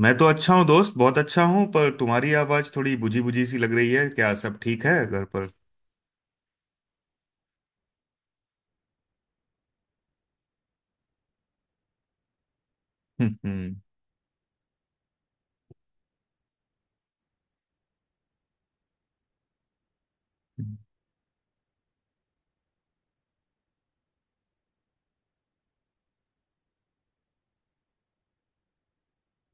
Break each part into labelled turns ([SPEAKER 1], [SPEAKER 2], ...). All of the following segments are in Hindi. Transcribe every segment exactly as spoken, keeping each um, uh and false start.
[SPEAKER 1] मैं तो अच्छा हूँ दोस्त, बहुत अच्छा हूँ। पर तुम्हारी आवाज थोड़ी बुझी बुझी सी लग रही है। क्या सब ठीक है घर पर? हम्म।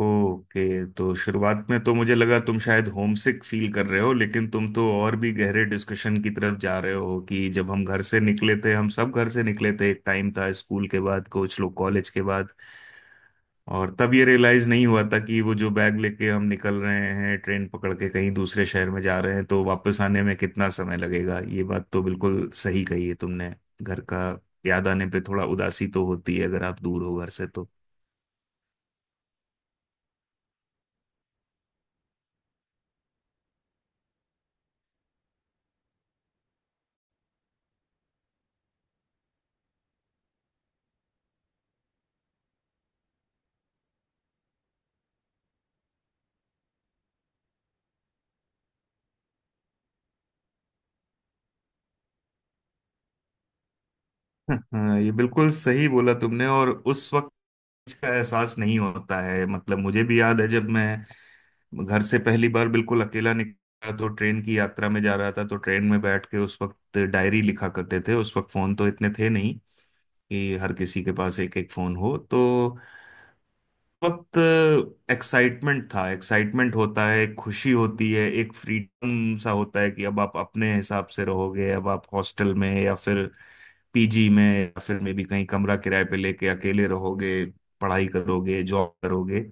[SPEAKER 1] ओके। तो शुरुआत में तो मुझे लगा तुम शायद होमसिक फील कर रहे हो, लेकिन तुम तो और भी गहरे डिस्कशन की तरफ जा रहे हो कि जब हम घर से निकले थे, हम सब घर से निकले थे, एक टाइम था, स्कूल के बाद कुछ लोग कॉलेज के बाद। और तब ये रियलाइज नहीं हुआ था कि वो जो बैग लेके हम निकल रहे हैं, ट्रेन पकड़ के कहीं दूसरे शहर में जा रहे हैं, तो वापस आने में कितना समय लगेगा। ये बात तो बिल्कुल सही कही है तुमने। घर का याद आने पे थोड़ा उदासी तो होती है अगर आप दूर हो घर से तो। हाँ, ये बिल्कुल सही बोला तुमने। और उस वक्त इसका एहसास नहीं होता है। मतलब मुझे भी याद है जब मैं घर से पहली बार बिल्कुल अकेला निकला, तो ट्रेन की यात्रा में जा रहा था, तो ट्रेन में बैठ के उस वक्त डायरी लिखा करते थे। उस वक्त फोन तो इतने थे नहीं कि हर किसी के पास एक एक फोन हो। तो वक्त एक्साइटमेंट था, एक्साइटमेंट होता है, एक खुशी होती है, एक फ्रीडम सा होता है कि अब आप अपने हिसाब से रहोगे, अब आप हॉस्टल में या फिर पीजी में या फिर मे भी कहीं कमरा किराए पे लेके अकेले रहोगे, पढ़ाई करोगे, जॉब करोगे।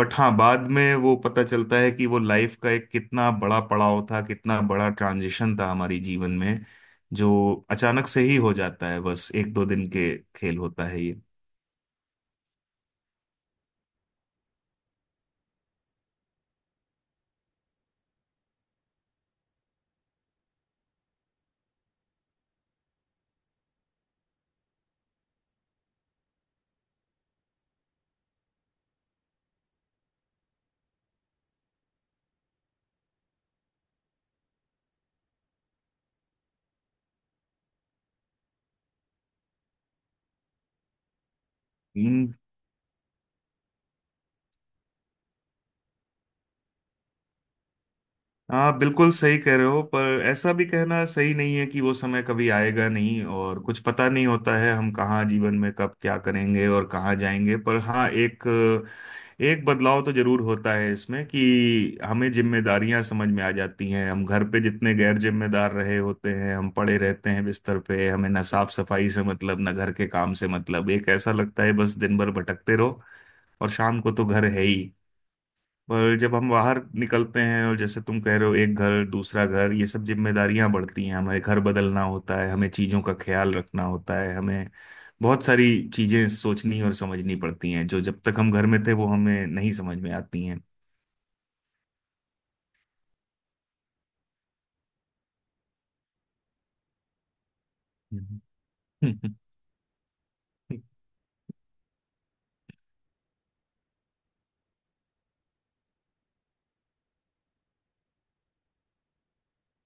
[SPEAKER 1] बट हाँ, बाद में वो पता चलता है कि वो लाइफ का एक कितना बड़ा पड़ाव था, कितना बड़ा ट्रांजिशन था हमारी जीवन में, जो अचानक से ही हो जाता है। बस एक दो दिन के खेल होता है ये। हम्म। आप बिल्कुल सही कह रहे हो, पर ऐसा भी कहना सही नहीं है कि वो समय कभी आएगा नहीं। और कुछ पता नहीं होता है हम कहाँ जीवन में कब क्या करेंगे और कहाँ जाएंगे। पर हाँ, एक एक बदलाव तो जरूर होता है इसमें कि हमें जिम्मेदारियां समझ में आ जाती हैं। हम घर पे जितने गैर जिम्मेदार रहे होते हैं, हम पड़े रहते हैं बिस्तर पे, हमें ना साफ सफाई से, मतलब ना घर के काम से, मतलब एक ऐसा लगता है बस दिन भर भटकते रहो और शाम को तो घर है ही। पर जब हम बाहर निकलते हैं, और जैसे तुम कह रहे हो, एक घर दूसरा घर, ये सब जिम्मेदारियां बढ़ती हैं। हमें घर बदलना होता है, हमें चीजों का ख्याल रखना होता है, हमें बहुत सारी चीजें सोचनी और समझनी पड़ती हैं जो जब तक हम घर में थे वो हमें नहीं समझ में आती हैं। हम्म। हम्म।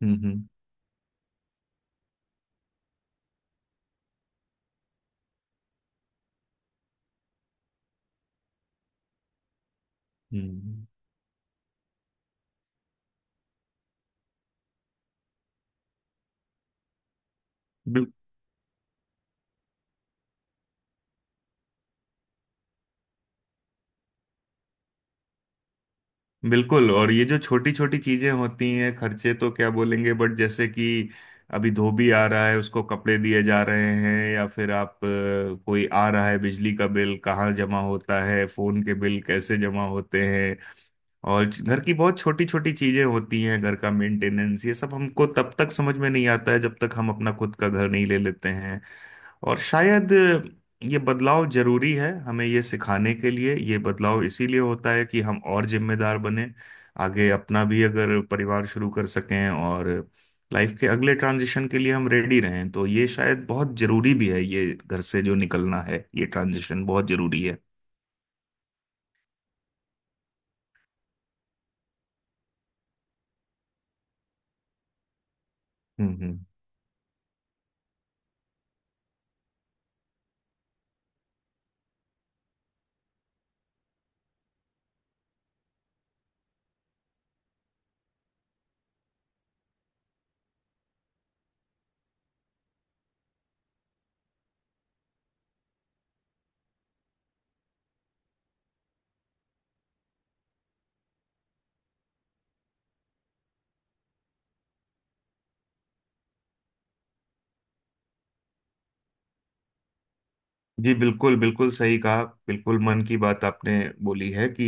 [SPEAKER 1] हम्म। हम्म। हम्म। बिल्कुल। और ये जो छोटी छोटी चीजें होती हैं, खर्चे तो क्या बोलेंगे, बट जैसे कि अभी धोबी आ रहा है, उसको कपड़े दिए जा रहे हैं, या फिर आप अ, कोई आ रहा है, बिजली का बिल कहाँ जमा होता है, फोन के बिल कैसे जमा होते हैं, और घर की बहुत छोटी छोटी चीजें होती हैं, घर का मेंटेनेंस, ये सब हमको तब तक समझ में नहीं आता है जब तक हम अपना खुद का घर नहीं ले लेते। और शायद ये बदलाव जरूरी है हमें ये सिखाने के लिए। ये बदलाव इसीलिए होता है कि हम और जिम्मेदार बने, आगे अपना भी अगर परिवार शुरू कर सकें, और लाइफ के अगले ट्रांजिशन के लिए हम रेडी रहें। तो ये शायद बहुत जरूरी भी है, ये घर से जो निकलना है, ये ट्रांजिशन बहुत जरूरी है। हम्म। जी बिल्कुल, बिल्कुल सही कहा, बिल्कुल मन की बात आपने बोली है कि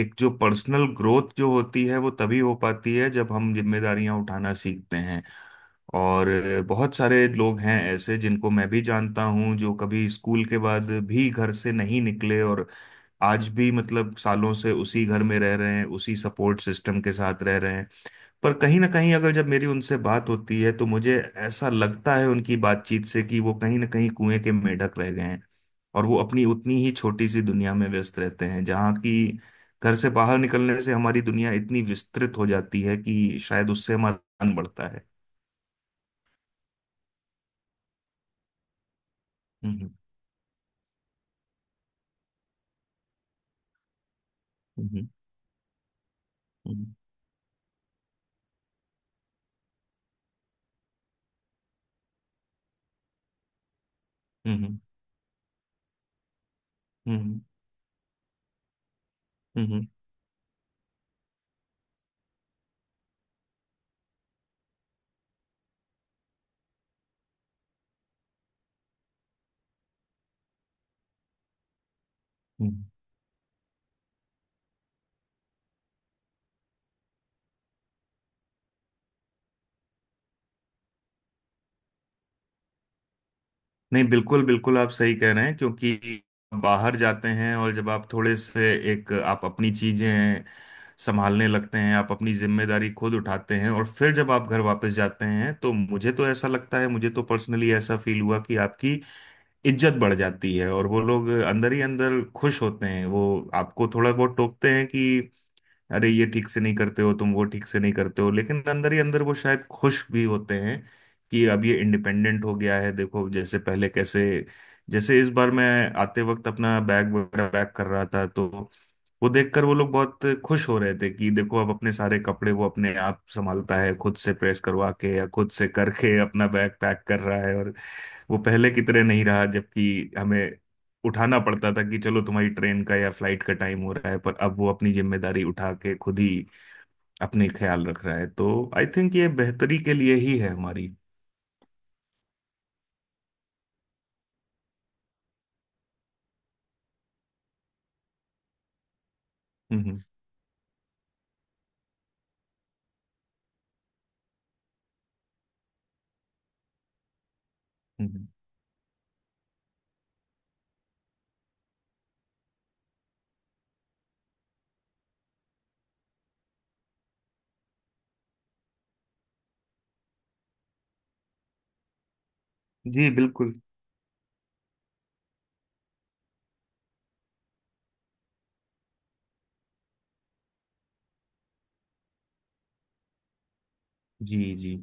[SPEAKER 1] एक जो पर्सनल ग्रोथ जो होती है वो तभी हो पाती है जब हम जिम्मेदारियां उठाना सीखते हैं। और बहुत सारे लोग हैं ऐसे, जिनको मैं भी जानता हूं, जो कभी स्कूल के बाद भी घर से नहीं निकले, और आज भी, मतलब सालों से उसी घर में रह रहे हैं, उसी सपोर्ट सिस्टम के साथ रह रहे हैं। पर कहीं ना कहीं, अगर जब मेरी उनसे बात होती है, तो मुझे ऐसा लगता है उनकी बातचीत से कि वो कहीं ना कहीं कुएं के मेंढक रह गए हैं, और वो अपनी उतनी ही छोटी सी दुनिया में व्यस्त रहते हैं जहाँ की घर से बाहर निकलने से हमारी दुनिया इतनी विस्तृत हो जाती है कि शायद उससे हमारा ज्ञान बढ़ता है। हम्म। हम्म। हम्म। हम्म। हम्म। हम्म। हम्म। हम्म। हम्म। हम्म। नहीं, बिल्कुल बिल्कुल आप सही कह रहे हैं, क्योंकि बाहर जाते हैं और जब आप थोड़े से एक आप अपनी चीजें संभालने लगते हैं, आप अपनी जिम्मेदारी खुद उठाते हैं, और फिर जब आप घर वापस जाते हैं तो मुझे तो ऐसा लगता है, मुझे तो पर्सनली ऐसा फील हुआ कि आपकी इज्जत बढ़ जाती है। और वो लोग अंदर ही अंदर खुश होते हैं। वो आपको थोड़ा बहुत टोकते हैं कि अरे ये ठीक से नहीं करते हो तुम, वो ठीक से नहीं करते हो, लेकिन अंदर ही अंदर वो शायद खुश भी होते हैं कि अब ये इंडिपेंडेंट हो गया है, देखो, जैसे पहले कैसे। जैसे इस बार मैं आते वक्त अपना बैग वगैरह पैक कर रहा था, तो वो देखकर वो लोग बहुत खुश हो रहे थे कि देखो, अब अपने सारे कपड़े वो अपने आप संभालता है, खुद से प्रेस करवा के या खुद से करके अपना बैग पैक कर रहा है, और वो पहले की तरह नहीं रहा, जबकि हमें उठाना पड़ता था कि चलो तुम्हारी ट्रेन का या फ्लाइट का टाइम हो रहा है। पर अब वो अपनी जिम्मेदारी उठा के खुद ही अपने ख्याल रख रहा है। तो आई थिंक ये बेहतरी के लिए ही है हमारी। हम्म। हम्म। हम्म। हम्म। जी बिल्कुल। जी जी।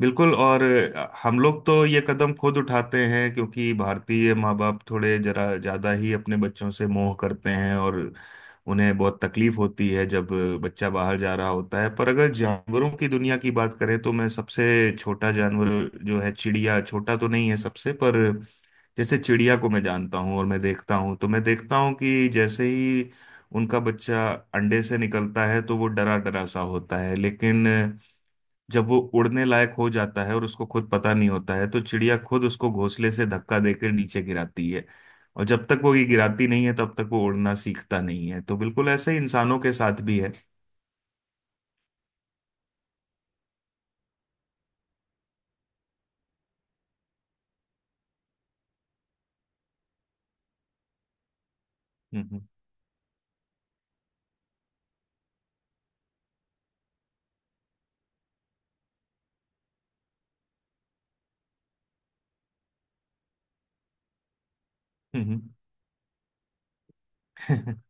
[SPEAKER 1] बिल्कुल, और अ, हम लोग तो ये कदम खुद उठाते हैं क्योंकि भारतीय माँ बाप थोड़े जरा ज़्यादा ही अपने बच्चों से मोह करते हैं, और उन्हें बहुत तकलीफ होती है जब बच्चा बाहर जा रहा होता है। पर अगर जानवरों की दुनिया की बात करें, तो मैं सबसे छोटा जानवर जो है चिड़िया, छोटा तो नहीं है सबसे, पर जैसे चिड़िया को मैं जानता हूँ और मैं देखता हूँ, तो मैं देखता हूँ कि जैसे ही उनका बच्चा अंडे से निकलता है, तो वो डरा डरा सा होता है, लेकिन जब वो उड़ने लायक हो जाता है और उसको खुद पता नहीं होता है, तो चिड़िया खुद उसको घोंसले से धक्का देकर नीचे गिराती है। और जब तक वो ये गिराती नहीं है, तब तक वो उड़ना सीखता नहीं है। तो बिल्कुल ऐसा ही इंसानों के साथ भी है। हम्म। हम्म। हम्म।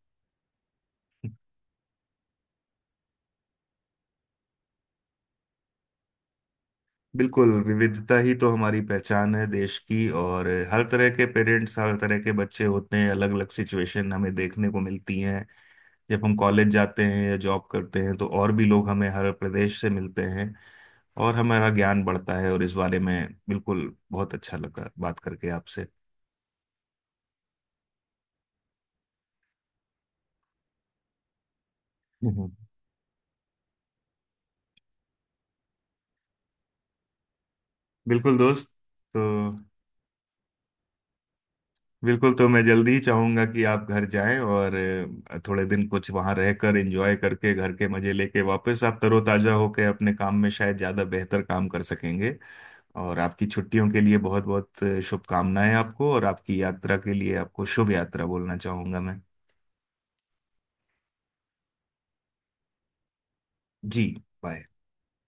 [SPEAKER 1] बिल्कुल, विविधता ही तो हमारी पहचान है देश की। और हर तरह के पेरेंट्स, हर तरह के बच्चे होते हैं, अलग अलग सिचुएशन हमें देखने को मिलती हैं जब हम कॉलेज जाते हैं या जॉब करते हैं, तो और भी लोग हमें हर प्रदेश से मिलते हैं, और हमारा ज्ञान बढ़ता है। और इस बारे में बिल्कुल बहुत अच्छा लगा बात करके आपसे। हम्म। बिल्कुल दोस्त। तो बिल्कुल, तो मैं जल्दी ही चाहूंगा कि आप घर जाएं, और अ, थोड़े दिन कुछ वहां रहकर एंजॉय करके, घर के मजे लेके, वापस आप तरोताजा होकर अपने काम में शायद ज्यादा बेहतर काम कर सकेंगे। और आपकी छुट्टियों के लिए बहुत बहुत शुभकामनाएं आपको, और आपकी यात्रा के लिए आपको शुभ यात्रा बोलना चाहूंगा मैं। जी। बाय।